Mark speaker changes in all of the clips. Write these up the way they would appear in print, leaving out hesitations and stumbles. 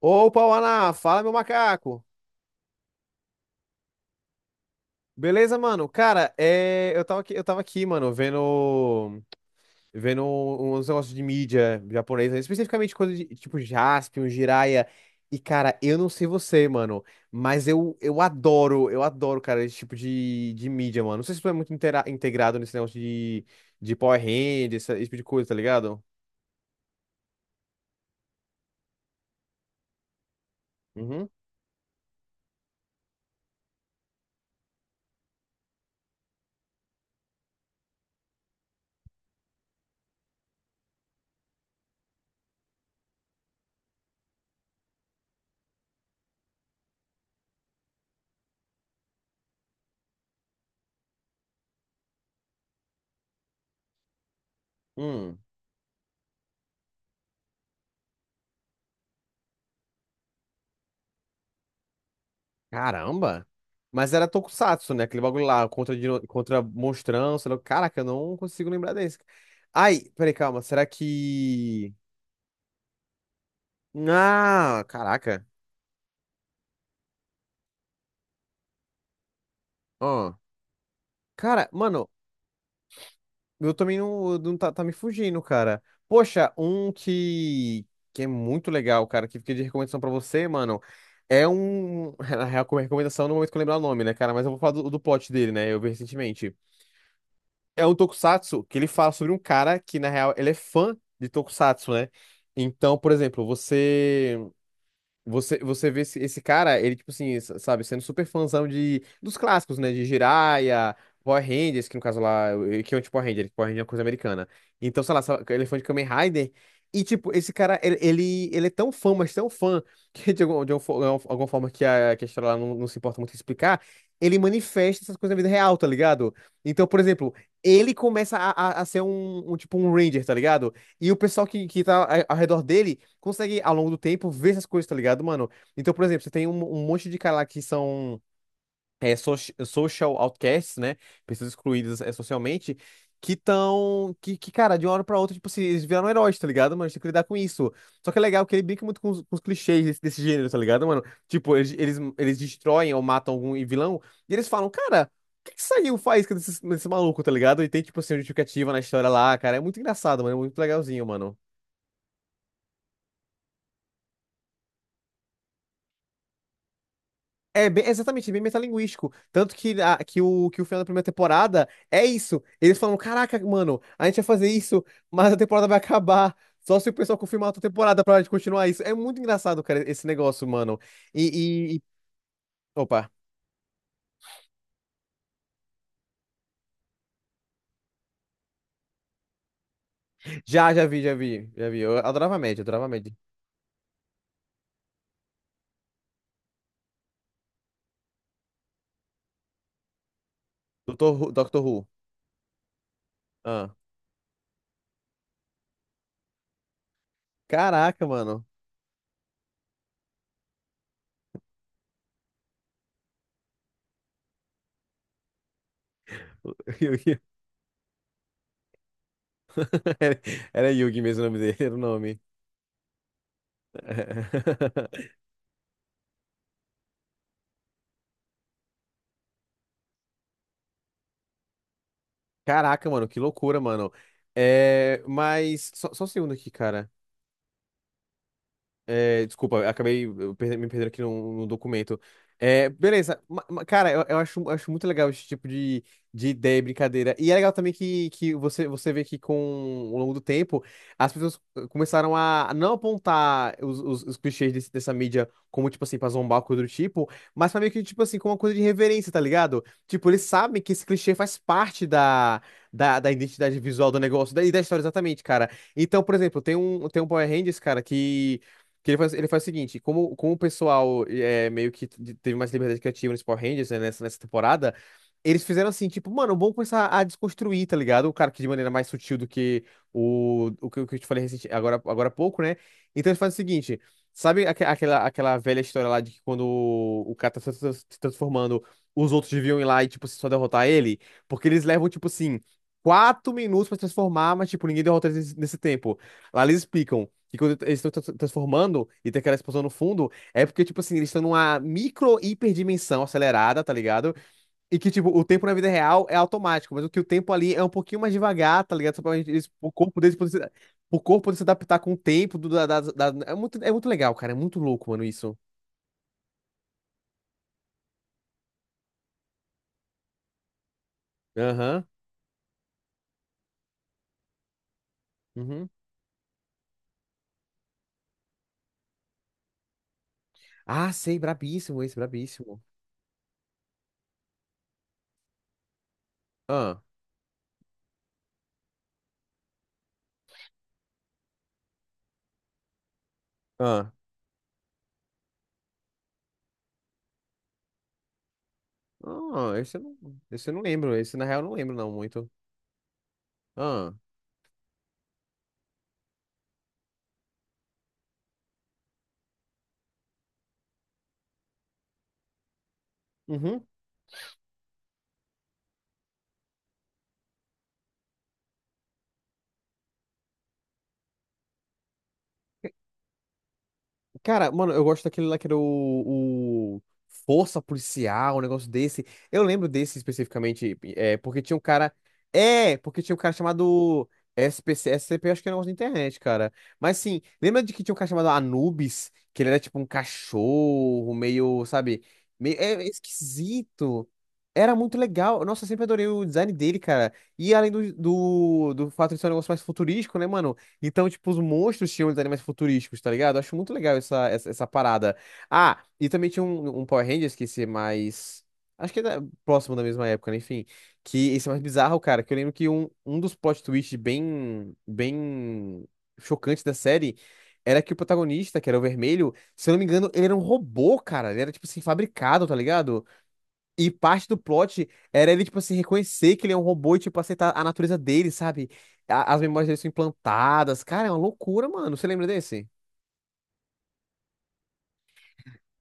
Speaker 1: Opa, Ana, fala meu macaco. Beleza, mano? Cara, eu tava aqui, mano, vendo uns negócios de mídia japonesa, especificamente coisa de tipo Jaspion, Jiraiya. E cara, eu não sei você, mano, mas eu adoro, eu adoro, cara, esse tipo de mídia, mano. Não sei se tu é muito integrado nesse negócio de Power Rangers, esse tipo de coisa, tá ligado? Uhum. Hum. Caramba! Mas era Tokusatsu, né? Aquele bagulho lá, contra, contra monstrão, sei lá. Caraca, eu não consigo lembrar desse. Ai, peraí, calma. Será que. Ah, caraca. Ó. Cara, mano, eu também não, tá me fugindo, cara. Poxa, um que. Que é muito legal, cara, que fica de recomendação pra você, mano. É um. Na real, como recomendação, no momento que eu lembrar o nome, né, cara? Mas eu vou falar do plot dele, né? Eu vi recentemente. É um tokusatsu que ele fala sobre um cara que, na real, ele é fã de tokusatsu, né? Então, por exemplo, você. Você vê esse cara, ele, tipo assim, sabe, sendo super fãzão dos clássicos, né? De Jiraiya, Power Rangers, que no caso lá, que é um tipo Power Ranger, Power Ranger é uma coisa americana. Então, sei lá, Elefante Kamen Rider. E, tipo, esse cara, ele é tão fã, mas tão fã, que de, de algum alguma forma que a história lá não, não se importa muito em explicar, ele manifesta essas coisas na vida real, tá ligado? Então, por exemplo, ele começa a, a ser um, tipo, um Ranger, tá ligado? E o pessoal que tá ao redor dele consegue, ao longo do tempo, ver essas coisas, tá ligado, mano? Então, por exemplo, você tem um, um monte de cara lá que são é, social outcasts, né? Pessoas excluídas é, socialmente, que estão. Que, cara, de uma hora pra outra, tipo, se eles viraram heróis, tá ligado, mano? A gente tem que lidar com isso. Só que é legal que ele brinca muito com os clichês desse gênero, tá ligado, mano? Tipo, eles destroem ou matam algum vilão, e eles falam, cara. O que que saiu faz com desse maluco, tá ligado? E tem, tipo assim, uma justificativa na história lá, cara. É muito engraçado, mano. É muito legalzinho, mano. Exatamente, bem metalinguístico. Tanto que, que o final da primeira temporada é isso. Eles falam: Caraca, mano, a gente vai fazer isso, mas a temporada vai acabar. Só se o pessoal confirmar a outra temporada pra gente continuar isso. É muito engraçado, cara, esse negócio, mano. E, e- e- Opa. Já, já vi, já vi, já vi. Eu adorava a média, adorava a média. Doctor Who. Ah. Caraca, mano. Yugi. Era, era Yugi mesmo o nome dele, era o nome. Caraca, mano, que loucura, mano. Só, só um segundo aqui, cara. É, desculpa, acabei me perdendo aqui no documento. É, beleza. Cara, eu acho, acho muito legal esse tipo de ideia e brincadeira. E é legal também que você, você vê que com ao longo do tempo as pessoas começaram a não apontar os, os clichês dessa mídia como, tipo assim, pra zombar, coisa do tipo, mas pra meio que, tipo assim, como uma coisa de reverência, tá ligado? Tipo, eles sabem que esse clichê faz parte da, da identidade visual do negócio e da história, exatamente, cara. Então, por exemplo, tem um Power Rangers, cara, que. Que ele faz o seguinte, como, como o pessoal é, meio que teve mais liberdade criativa nesse Power Rangers, né, nessa temporada, eles fizeram assim, tipo, mano, vamos começar a desconstruir, tá ligado? O cara que de maneira mais sutil do que o que eu te falei recente, agora há pouco, né? Então eles fazem o seguinte, sabe aquela velha história lá de que quando o cara tá se transformando, os outros deviam ir lá e, tipo, só derrotar ele? Porque eles levam, tipo assim, quatro minutos pra se transformar, mas, tipo, ninguém derrota eles nesse tempo. Lá eles explicam que quando eles estão transformando e tem aquela explosão no fundo, é porque, tipo assim, eles estão numa micro hiperdimensão acelerada, tá ligado? E que, tipo, o tempo na vida real é automático, mas o que o tempo ali é um pouquinho mais devagar, tá ligado? Só pra eles, o corpo deles poder se, o corpo poder se adaptar com o tempo. Do, da, da- da- É muito, é muito legal, cara. É muito louco, mano, isso. Aham. Uhum. Ah, sei, brabíssimo esse, brabíssimo. Ah, ah. Ah, esse eu não lembro. Esse, na real, eu não lembro, não, muito. Ah. Uhum. Cara, mano, eu gosto daquele lá que era o Força Policial, um negócio desse. Eu lembro desse especificamente, é, porque tinha um cara. É, porque tinha um cara chamado SPC, SCP, acho que era um negócio da internet, cara. Mas sim, lembra de que tinha um cara chamado Anubis, que ele era tipo um cachorro, meio, sabe? Meio, é esquisito. Era muito legal. Nossa, eu sempre adorei o design dele, cara. E além do fato de ser um negócio mais futurístico, né, mano? Então, tipo, os monstros tinham os animais futurísticos, tá ligado? Eu acho muito legal essa parada. Ah, e também tinha um Power Rangers que esse é mais. Acho que é próximo da mesma época, né? Enfim. Que esse é mais bizarro, cara. Que eu lembro que um dos plot twists bem, bem chocantes da série era que o protagonista, que era o vermelho, se eu não me engano, ele era um robô, cara. Ele era, tipo assim, fabricado, tá ligado? E parte do plot era ele, tipo assim, reconhecer que ele é um robô e, tipo, aceitar a natureza dele, sabe? As memórias dele são implantadas. Cara, é uma loucura, mano. Você lembra desse?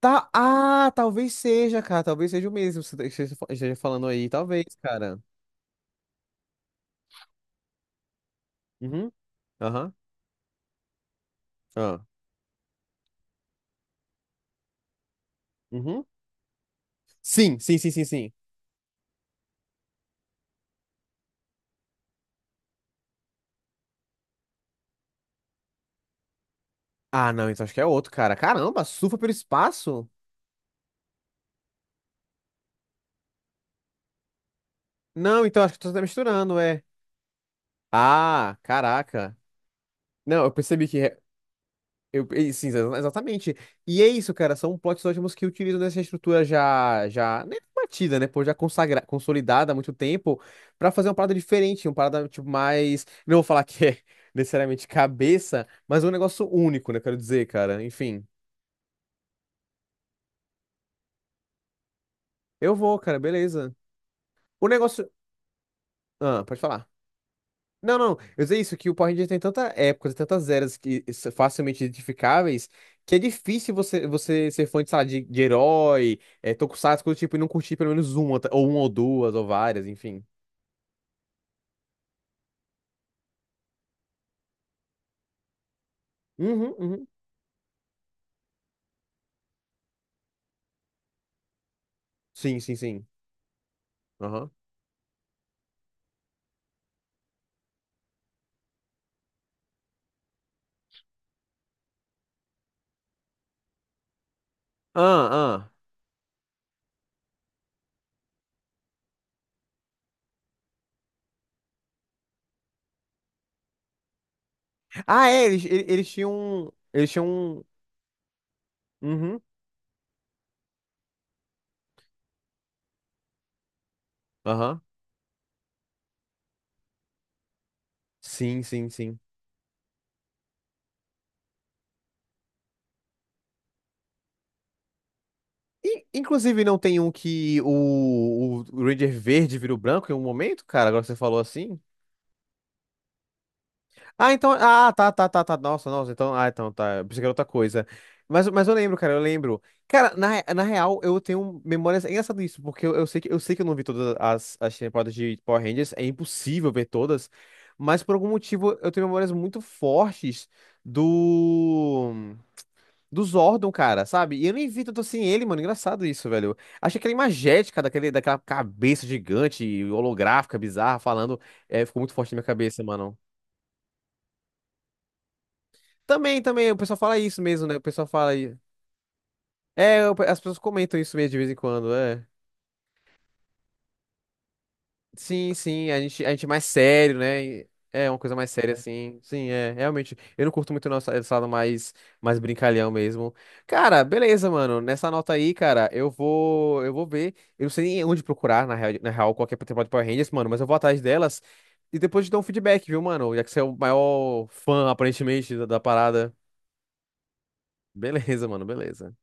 Speaker 1: Tá. Ah, talvez seja, cara. Talvez seja o mesmo que você esteja falando aí. Talvez, cara. Uhum. Aham. Ah, Uhum. Sim, sim, sim, sim, sim. Ah, não, então acho que é outro, cara. Caramba, surfa pelo espaço? Não, então acho que tu tá misturando, é. Ah, caraca. Não, eu percebi que eu, sim, exatamente. E é isso, cara. São plots ótimos que utilizam essa estrutura já né, batida, né? Pô, consolidada há muito tempo, pra fazer uma parada diferente, uma parada tipo mais. Não vou falar que é necessariamente cabeça, mas um negócio único, né? Quero dizer, cara. Enfim, eu vou, cara. Beleza. O negócio. Ah, pode falar. Não, não, eu sei isso, que o Power Ranger tem tantas épocas, e tantas eras que facilmente identificáveis, que é difícil você, você ser fã de, sei lá, de herói, é, tokusatsu, coisa do tipo, e não curtir pelo menos uma, ou uma ou duas, ou várias, enfim. Uhum, uhum. Sim, sim, sim. Aham. Ah, ah. Ah, é, eles, eles tinham. Um. Eles tinham. Um. Uhum. Aham. Sim, sim, sim. E, inclusive, não tem um que o Ranger verde virou branco em um momento, cara, agora que você falou assim? Ah, então. Ah, tá, tá, tá, tá. Nossa, nossa. Então, ah, então, tá. Eu pensei que era outra coisa. Mas eu lembro. Cara, na real, eu tenho memórias. É engraçado isso, porque eu sei que, eu sei que eu não vi todas as, as temporadas de Power Rangers. É impossível ver todas. Mas por algum motivo, eu tenho memórias muito fortes do. Do Zordon, cara, sabe? E eu nem vi tanto assim ele, mano. Engraçado isso, velho. Achei aquela imagética daquele, daquela cabeça gigante, holográfica, bizarra, falando. É, ficou muito forte na minha cabeça, mano. Também, também, o pessoal fala isso mesmo, né? O pessoal fala aí. É, as pessoas comentam isso mesmo de vez em quando, é. Sim, sim, a gente é mais sério, né? E é uma coisa mais séria, assim. Sim, é, realmente. Eu não curto muito nosso estado mais, mais brincalhão mesmo. Cara, beleza, mano. Nessa nota aí, cara, eu vou ver. Eu não sei nem onde procurar, na real, na real, qualquer temporada de Power Rangers, mano, mas eu vou atrás delas e depois te dou um feedback, viu, mano? Já que você é o maior fã, aparentemente, da parada. Beleza, mano, beleza.